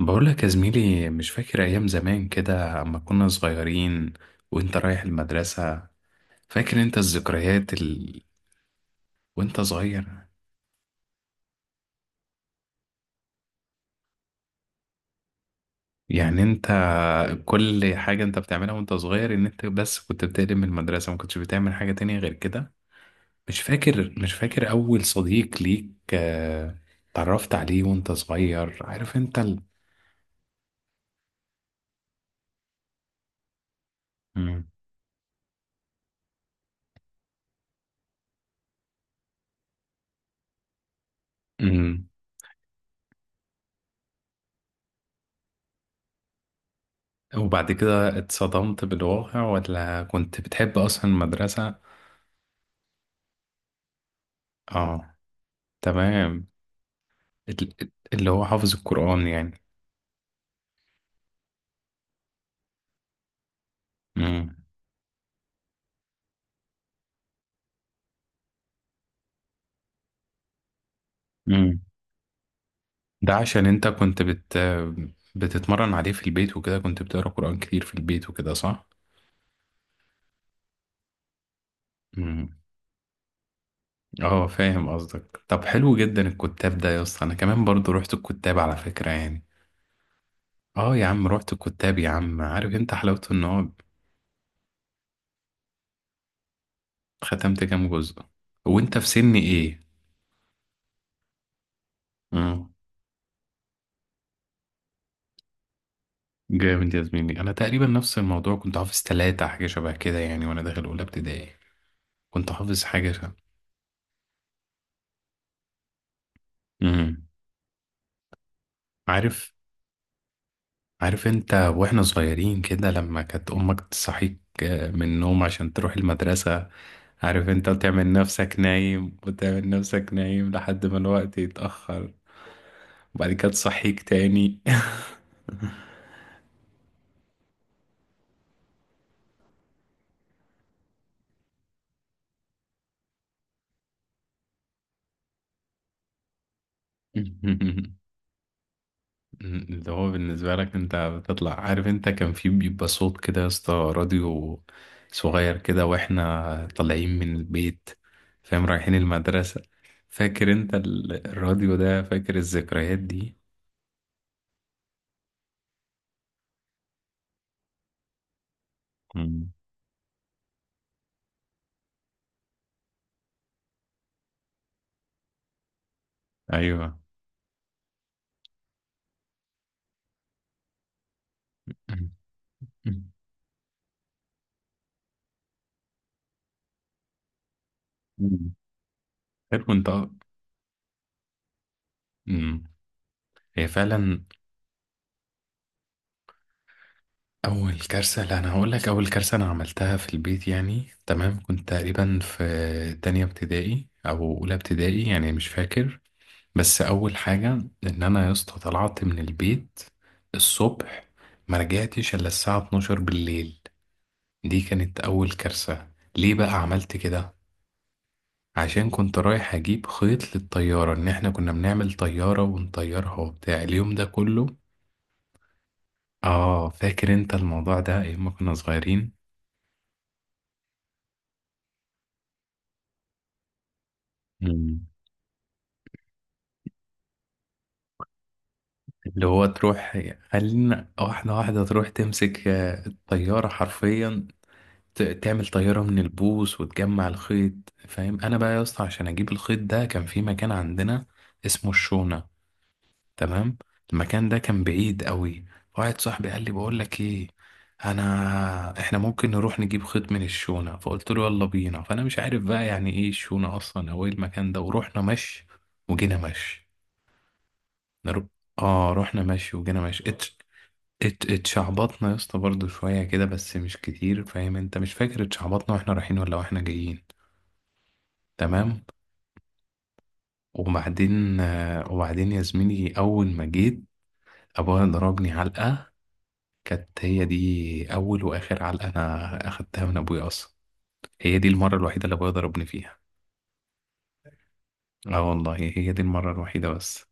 بقولك يا زميلي، مش فاكر أيام زمان كده أما كنا صغيرين وأنت رايح المدرسة؟ فاكر أنت الذكريات وأنت صغير؟ يعني أنت كل حاجة أنت بتعملها وأنت صغير، إن أنت بس كنت بتقلب من المدرسة، ما كنتش بتعمل حاجة تانية غير كده؟ مش فاكر أول صديق ليك، اتعرفت عليه وأنت صغير؟ عارف أنت مم. مم. وبعد كده اتصدمت بالواقع ولا كنت بتحب أصلا المدرسة؟ آه. تمام. اللي هو حافظ القرآن يعني. امم. امم. ده عشان انت كنت بتتمرن عليه في البيت وكده، كنت بتقرا قرآن كتير في البيت وكده، صح؟ امم. اه، فاهم قصدك. طب حلو جدا الكتاب ده يا اسطى، انا كمان برضو رحت الكتاب على فكرة يعني. اه يا عم، رحت الكتاب يا عم، عارف انت حلاوته ان هو ختمت كام جزء. وانت في سن ايه؟ امم. جامد يا زميلي، انا تقريبا نفس الموضوع، كنت حافظ 3 حاجة شبه كده يعني وانا داخل اولى ابتدائي. كنت حافظ حاجة شبه. مم. عارف عارف انت، واحنا صغيرين كده لما كانت امك تصحيك من النوم عشان تروح المدرسة. عارف انت، وتعمل نفسك نايم وتعمل نفسك نايم لحد ما الوقت يتأخر وبعد كده تصحيك تاني. اللي هو بالنسبة لك انت بتطلع، عارف انت، كان في بيبقى صوت كده يا اسطى، راديو صغير كده واحنا طالعين من البيت، فاهم، رايحين المدرسة. فاكر انت الراديو ده، فاكر الذكريات دي؟ ايوه. مم. مم. مم. حلو انت. أه. مم. هي فعلا. اول كارثه؟ لا، انا هقول لك. اول كارثه انا عملتها في البيت يعني، تمام. كنت تقريبا في تانية ابتدائي او اولى ابتدائي يعني، مش فاكر. بس اول حاجه ان انا يا اسطى طلعت من البيت الصبح، ما رجعتش الا الساعه 12 بالليل. دي كانت اول كارثه. ليه بقى عملت كده؟ عشان كنت رايح اجيب خيط للطيارة، ان احنا كنا بنعمل طيارة ونطيرها وبتاع اليوم ده كله. اه، فاكر انت الموضوع ده، ايام ما كنا صغيرين. مم. اللي هو تروح، خلينا واحدة واحدة، تروح تمسك الطيارة حرفيا، تعمل طيارة من البوص وتجمع الخيط، فاهم. انا بقى يا اسطى عشان اجيب الخيط ده، كان في مكان عندنا اسمه الشونة. تمام. المكان ده كان بعيد قوي. واحد صاحبي قال لي، بقول لك ايه، انا احنا ممكن نروح نجيب خيط من الشونة. فقلت له يلا بينا، فانا مش عارف بقى يعني ايه الشونة اصلا او ايه المكان ده. ورحنا مشي وجينا مشي. نرو... اه، رحنا مشي وجينا مشي. اتشعبطنا يا اسطى برضه شوية كده بس مش كتير، فاهم انت، مش فاكر اتشعبطنا واحنا رايحين ولا واحنا جايين. تمام. وبعدين يا زميلي، اول ما جيت ابويا ضربني علقة. كانت هي دي أول وآخر علقة أنا أخدتها من أبويا أصلا. هي دي المرة الوحيدة اللي أبويا ضربني فيها. آه والله، هي دي المرة الوحيدة بس.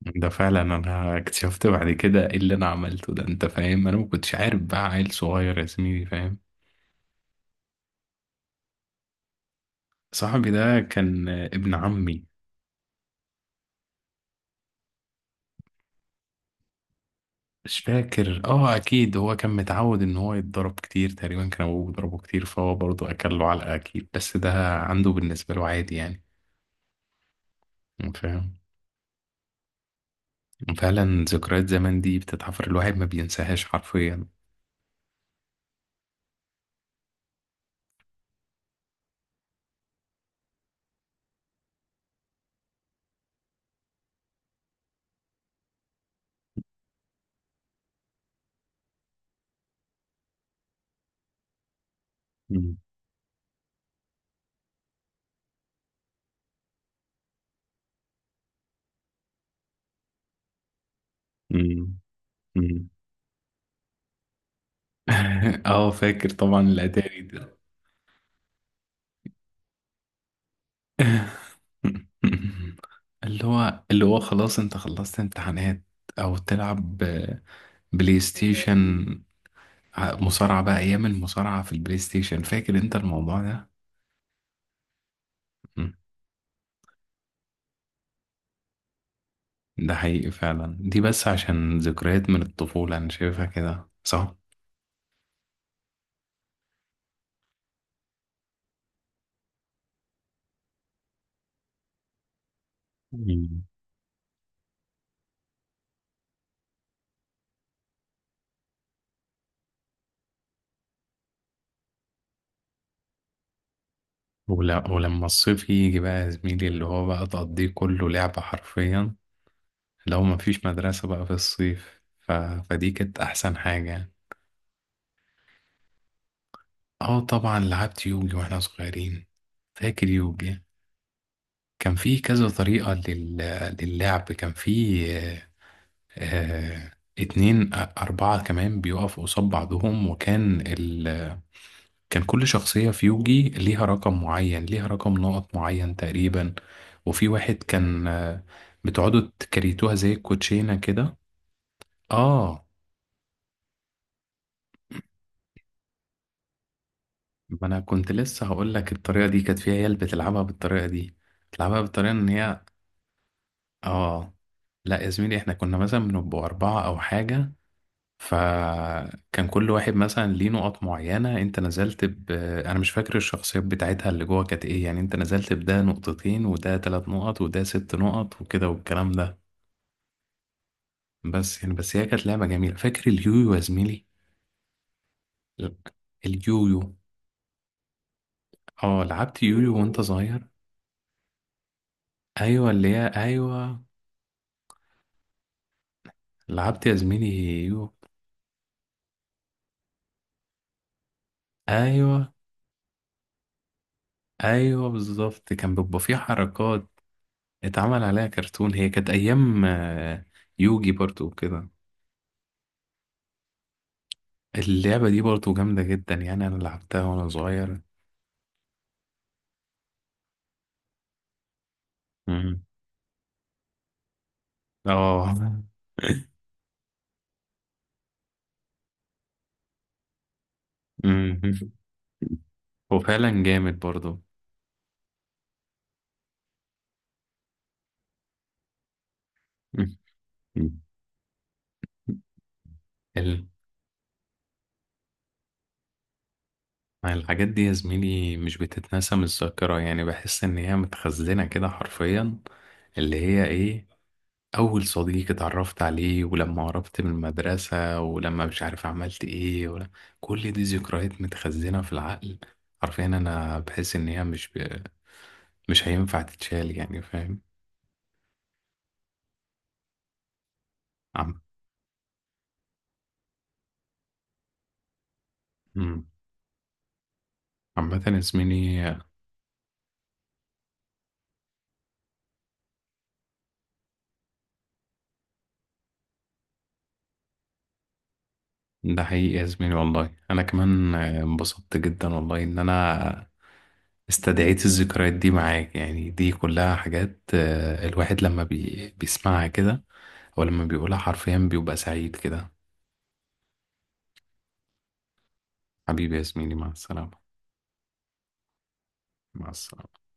ده فعلا، أنا اكتشفت بعد كده إيه اللي أنا عملته ده، أنت فاهم، أنا ما كنتش عارف بقى، عيل صغير يا زميلي، فاهم. صاحبي ده كان ابن عمي. مش فاكر. اه، اكيد هو كان متعود ان هو يتضرب كتير، تقريبا كان ابوه بيضربه كتير، فهو برضه اكل له علقه اكيد. بس ده عنده بالنسبه له عادي يعني، فاهم. فعلا ذكريات زمان دي بتتحفر، الواحد ما بينساهاش حرفيا. مم. مم. مم. اه، فاكر طبعا الاتاري ده. اللي هو خلاص انت خلصت امتحانات، او تلعب بلاي ستيشن، مصارعة بقى. ايام المصارعة في البلاي ستيشن، فاكر انت الموضوع ده؟ مم. ده حقيقي فعلا دي، بس عشان ذكريات من الطفولة انا شايفها كده، صح؟ ولما الصيف يجي بقى يا زميلي، اللي هو بقى تقضيه كله لعبة حرفيا. لو مفيش مدرسة بقى في الصيف فدي كانت أحسن حاجة يعني. اه طبعا، لعبت يوجي واحنا صغيرين. فاكر يوجي؟ كان في كذا طريقة للعب. كان في آه، اتنين أربعة كمان بيقفوا قصاد بعضهم، وكان كان كل شخصية في يوجي ليها رقم معين، ليها رقم نقط معين تقريبا. وفي واحد كان بتقعدوا تكريتوها زي الكوتشينة كده. اه، ما انا كنت لسه هقول لك، الطريقة دي كانت فيها عيال بتلعبها بالطريقة دي، بتلعبها بالطريقة ان هي. اه، لا يا زميلي، احنا كنا مثلا بنبقوا أربعة أو حاجة، فكان كل واحد مثلا ليه نقط معينة، انت نزلت انا مش فاكر الشخصيات بتاعتها اللي جوه كانت ايه يعني، انت نزلت بده نقطتين وده 3 نقط وده 6 نقط وكده والكلام ده. بس يعني، بس هي كانت لعبة جميلة. فاكر اليويو يا زميلي؟ ال- اليويو. اه، لعبت يويو وانت صغير. ايوه، اللي هي، ايوه. لعبت يا زميلي يويو. ايوه، ايوه، بالظبط. كان بيبقى فيه حركات، اتعمل عليها كرتون. هي كانت ايام يوجي برضو وكده. اللعبة دي برضو جامدة جدا يعني، أنا لعبتها وأنا صغير. مم. اه. مم. وفعلا جامد برضو. مم. ال- الحاجات دي يا زميلي مش بتتنسى من الذاكرة يعني، بحس إن هي متخزنة كده حرفيا. اللي هي إيه، أول صديق اتعرفت عليه، ولما قربت من المدرسة، ولما مش عارف عملت إيه، ولا كل دي ذكريات متخزنة في العقل حرفيا. أنا بحس إن هي مش هينفع تتشال يعني، فاهم. مم. عامة يا زميلي، ده حقيقي يا زميلي والله. أنا كمان انبسطت جدا والله إن أنا استدعيت الذكريات دي معاك. يعني دي كلها حاجات الواحد لما بيسمعها كده أو لما بيقولها حرفيا بيبقى سعيد كده. حبيبي يا زميلي، مع السلامة. مع السلامة.